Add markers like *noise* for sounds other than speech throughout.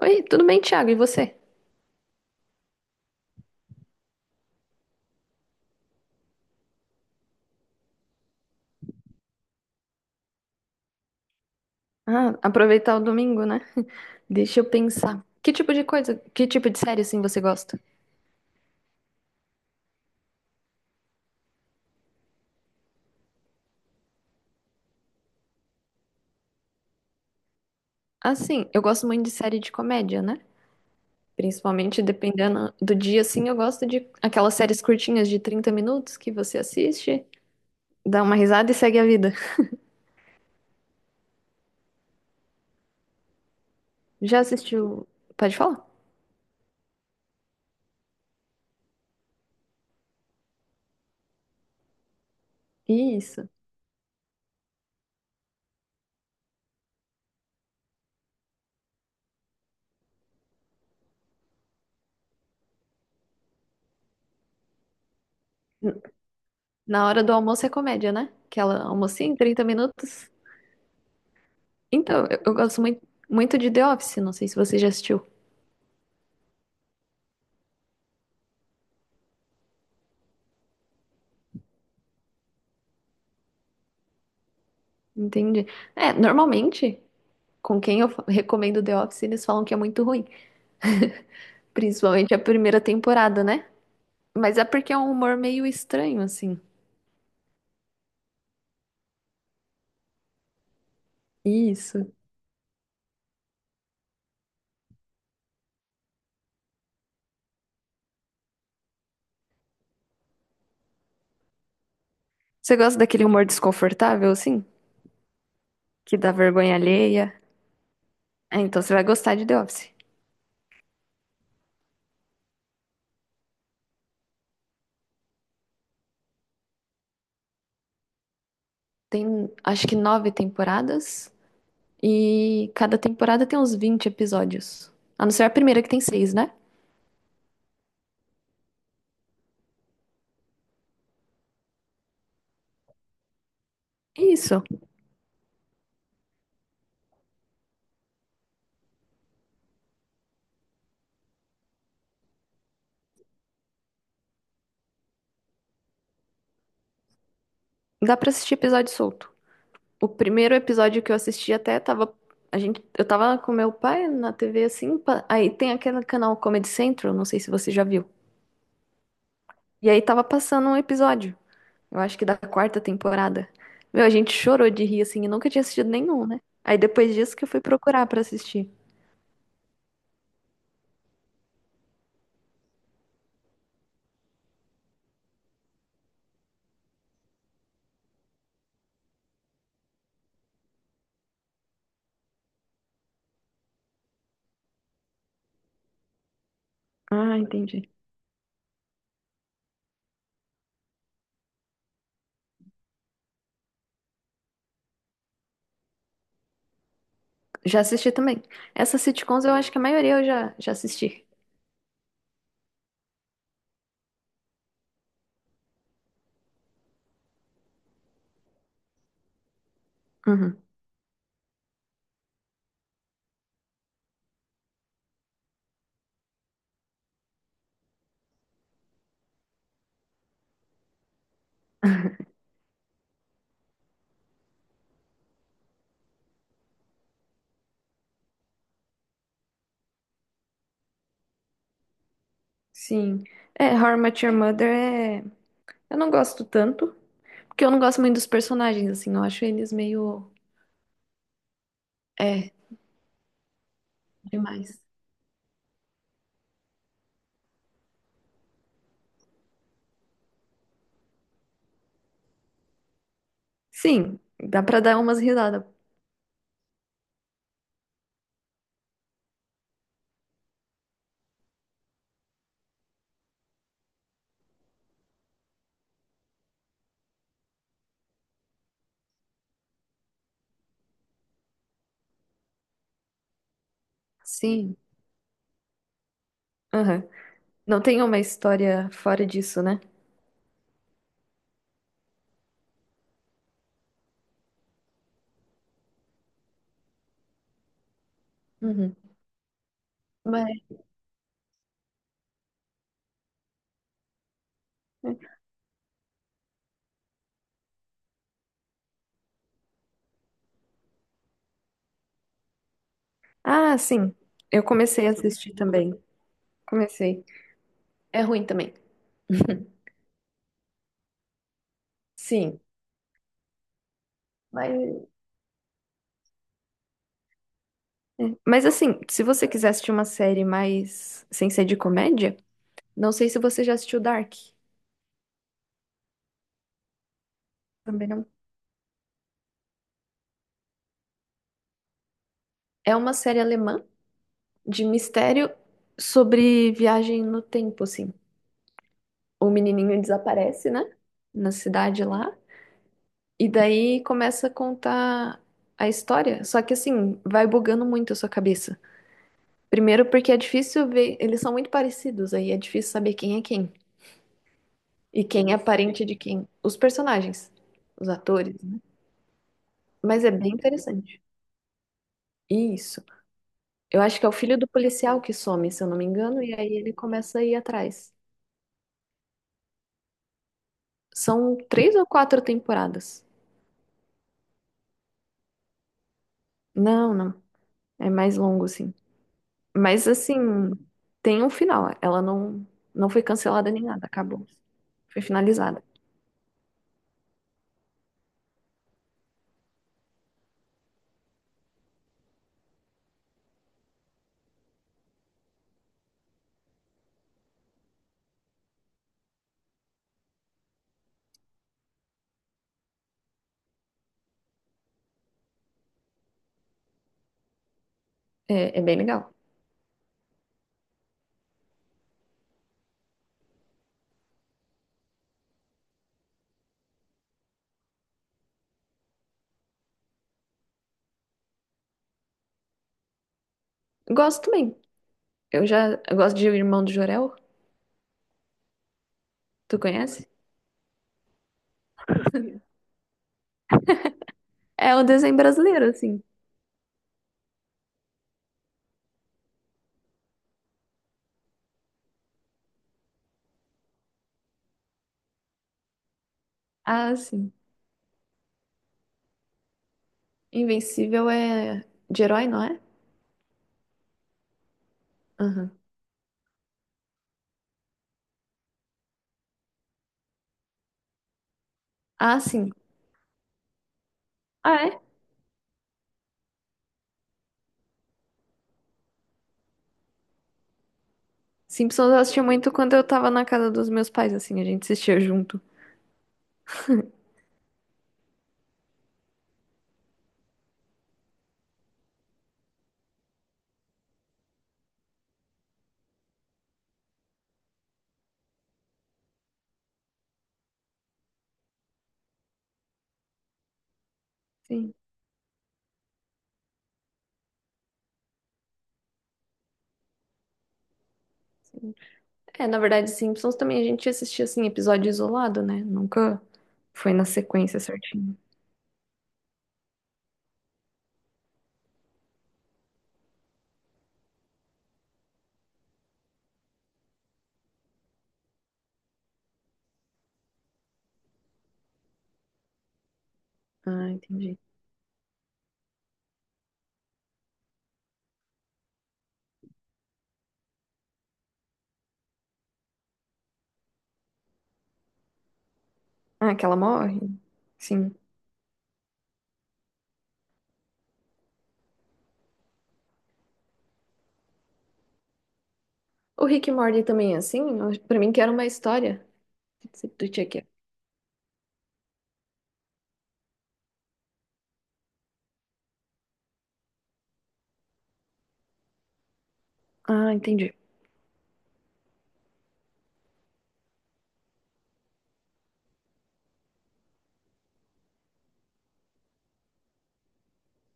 Oi, tudo bem, Thiago? E você? Ah, aproveitar o domingo, né? *laughs* Deixa eu pensar. Que tipo de coisa, que tipo de série assim você gosta? Assim, eu gosto muito de série de comédia, né? Principalmente dependendo do dia, assim, eu gosto de aquelas séries curtinhas de 30 minutos que você assiste, dá uma risada e segue a vida. Já assistiu? Pode falar? Isso. N- Na hora do almoço é comédia, né? Aquela almocinha em 30 minutos. Então, eu gosto muito, muito de The Office, não sei se você já assistiu. Entendi. É, normalmente, com quem eu fa- *laughs* recomendo The Office, eles falam que é muito ruim, principalmente a primeira temporada, né? Mas é porque é um humor meio estranho, assim. Isso. Você gosta daquele humor desconfortável, assim? Que dá vergonha alheia? É, então você vai gostar de The Office. Tem, acho que 9 temporadas, e cada temporada tem uns 20 episódios. A não ser a primeira que tem seis, né? Isso. Dá pra assistir episódio solto. O primeiro episódio que eu assisti até tava. A gente, eu tava com meu pai na TV assim. Aí tem aquele canal Comedy Central, não sei se você já viu. E aí tava passando um episódio, eu acho que da quarta temporada. Meu, a gente chorou de rir assim, e nunca tinha assistido nenhum, né? Aí depois disso que eu fui procurar pra assistir. Ah, entendi. Já assisti também. Essas sitcoms eu acho que a maioria eu já assisti. Uhum. Sim. É, How I Met Your Mother é. Eu não gosto tanto, porque eu não gosto muito dos personagens, assim, eu acho eles meio. É, demais. Sim, dá pra dar umas risadas. Sim, aham. Não tem uma história fora disso, né? Uhum. Mas... né? Ah, sim. Eu comecei a assistir também. Comecei. É ruim também. Sim. Mas, é. Mas assim, se você quiser assistir uma série mais sem ser de comédia, não sei se você já assistiu Dark. Também não. É uma série alemã de mistério sobre viagem no tempo, assim. O menininho desaparece, né? Na cidade lá. E daí começa a contar a história. Só que assim, vai bugando muito a sua cabeça. Primeiro porque é difícil ver, eles são muito parecidos, aí é difícil saber quem é quem e quem é parente de quem. Os personagens, os atores, né? Mas é bem interessante. Isso. Eu acho que é o filho do policial que some, se eu não me engano, e aí ele começa a ir atrás. São 3 ou 4 temporadas. Não, não. É mais longo, assim. Mas assim, tem um final. Ela não, não foi cancelada nem nada, acabou. Foi finalizada. É, é bem legal. Gosto também. Eu gosto de O Irmão do Jorel. Tu conhece? *laughs* É um desenho brasileiro, assim. Ah, sim. Invencível é de herói, não é? Aham. Ah, sim. Ah, é? Simpsons eu assistia muito quando eu tava na casa dos meus pais, assim, a gente assistia junto. Sim, sim. É, na verdade, Simpsons também a gente assistia, assim, episódio isolado, né? Nunca foi na sequência certinho. Ah, entendi. Ah, que ela morre? Sim. O Rick e Morty também é assim? Pra mim que era uma história do Chuck. Ah, entendi.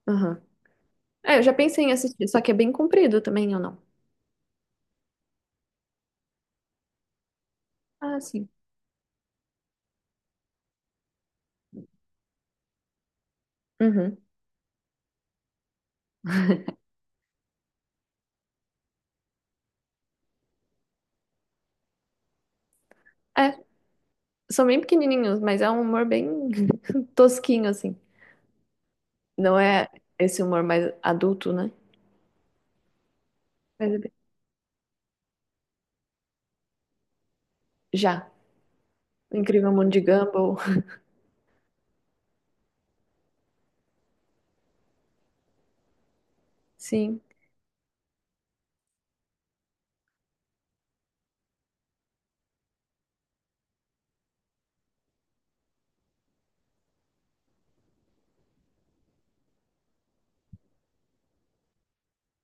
Aham. É, eu já pensei em assistir, só que é bem comprido também, ou não? Ah, sim. Uhum. É, são bem pequenininhos, mas é um humor bem *laughs* tosquinho, assim. Não é esse humor mais adulto, né? Mas é bem- Já. O Incrível Mundo de Gumball. *laughs* Sim,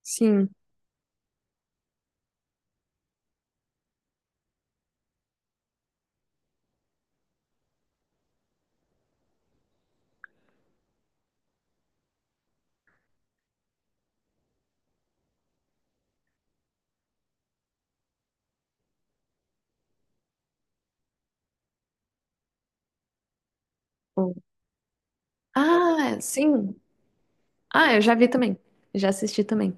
sim. O- Ah, sim. Ah, eu já vi também. Já assisti também.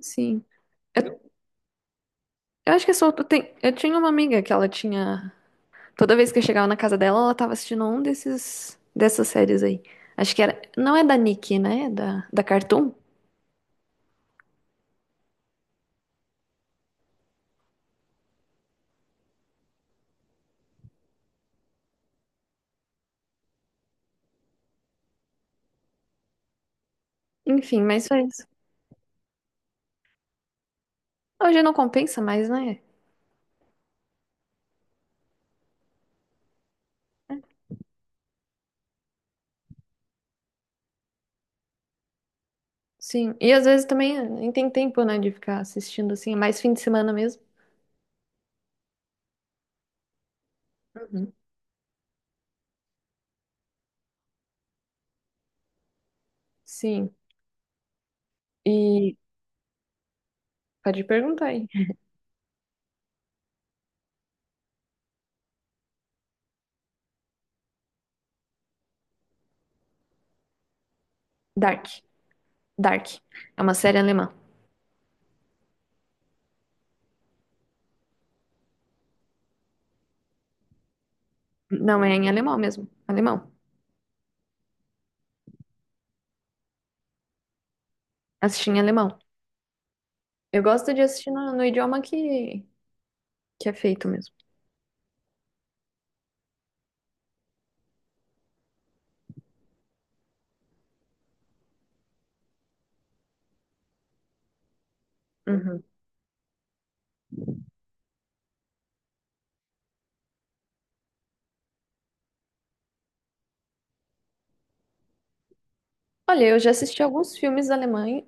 Sim. Eu Eu acho que é solto. Tem... Eu tinha uma amiga que ela tinha. Toda vez que eu chegava na casa dela, ela tava assistindo um desses dessas séries aí. Acho que era. Não é da Nick, né? É da Cartoon. Enfim, mas foi isso. Hoje não compensa mais, né? Sim. E às vezes também nem tem tempo, né, de ficar assistindo assim. É mais fim de semana mesmo. Uhum. Sim. E pode perguntar aí. Dark. Dark. É uma série alemã. Não, é em alemão mesmo. Alemão. Assisti em alemão. Eu gosto de assistir no idioma que é feito mesmo. Uhum. Olha, eu já assisti alguns filmes alemães,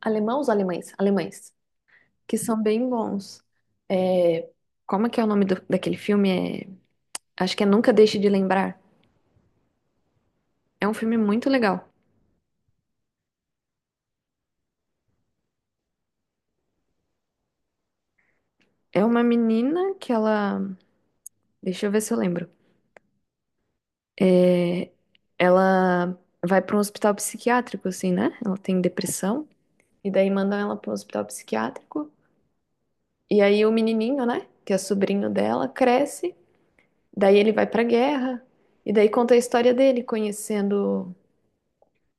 alemãos, alemães, alemães, que são bem bons. É, como é que é o nome daquele filme? É, acho que é Nunca Deixe de Lembrar. É um filme muito legal. É uma menina que ela, deixa eu ver se eu lembro. É, ela vai para um hospital psiquiátrico, assim, né? Ela tem depressão e daí mandam ela para um hospital psiquiátrico. E aí o menininho, né? Que é sobrinho dela, cresce. Daí ele vai pra guerra e daí conta a história dele conhecendo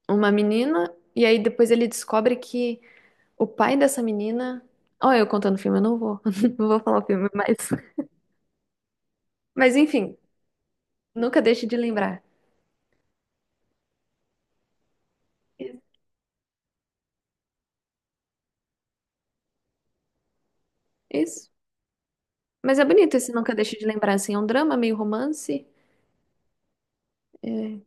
uma menina e aí depois ele descobre que o pai dessa menina, ó, eu contando o filme, eu não vou, *laughs* não vou falar o filme, mas enfim, nunca deixe de lembrar. Isso. Mas é bonito esse Nunca Deixe de Lembrar, assim, é um drama meio romance, é,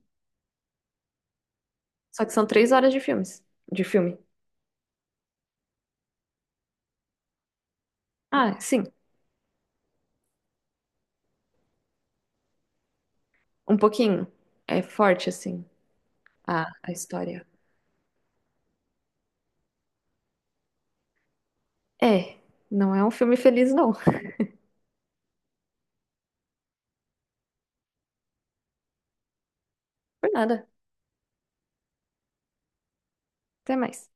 só que são 3 horas de filmes, de filme. Ah, sim, um pouquinho. É forte, assim, a história. É, não é um filme feliz, não. *laughs* Por nada. Até mais.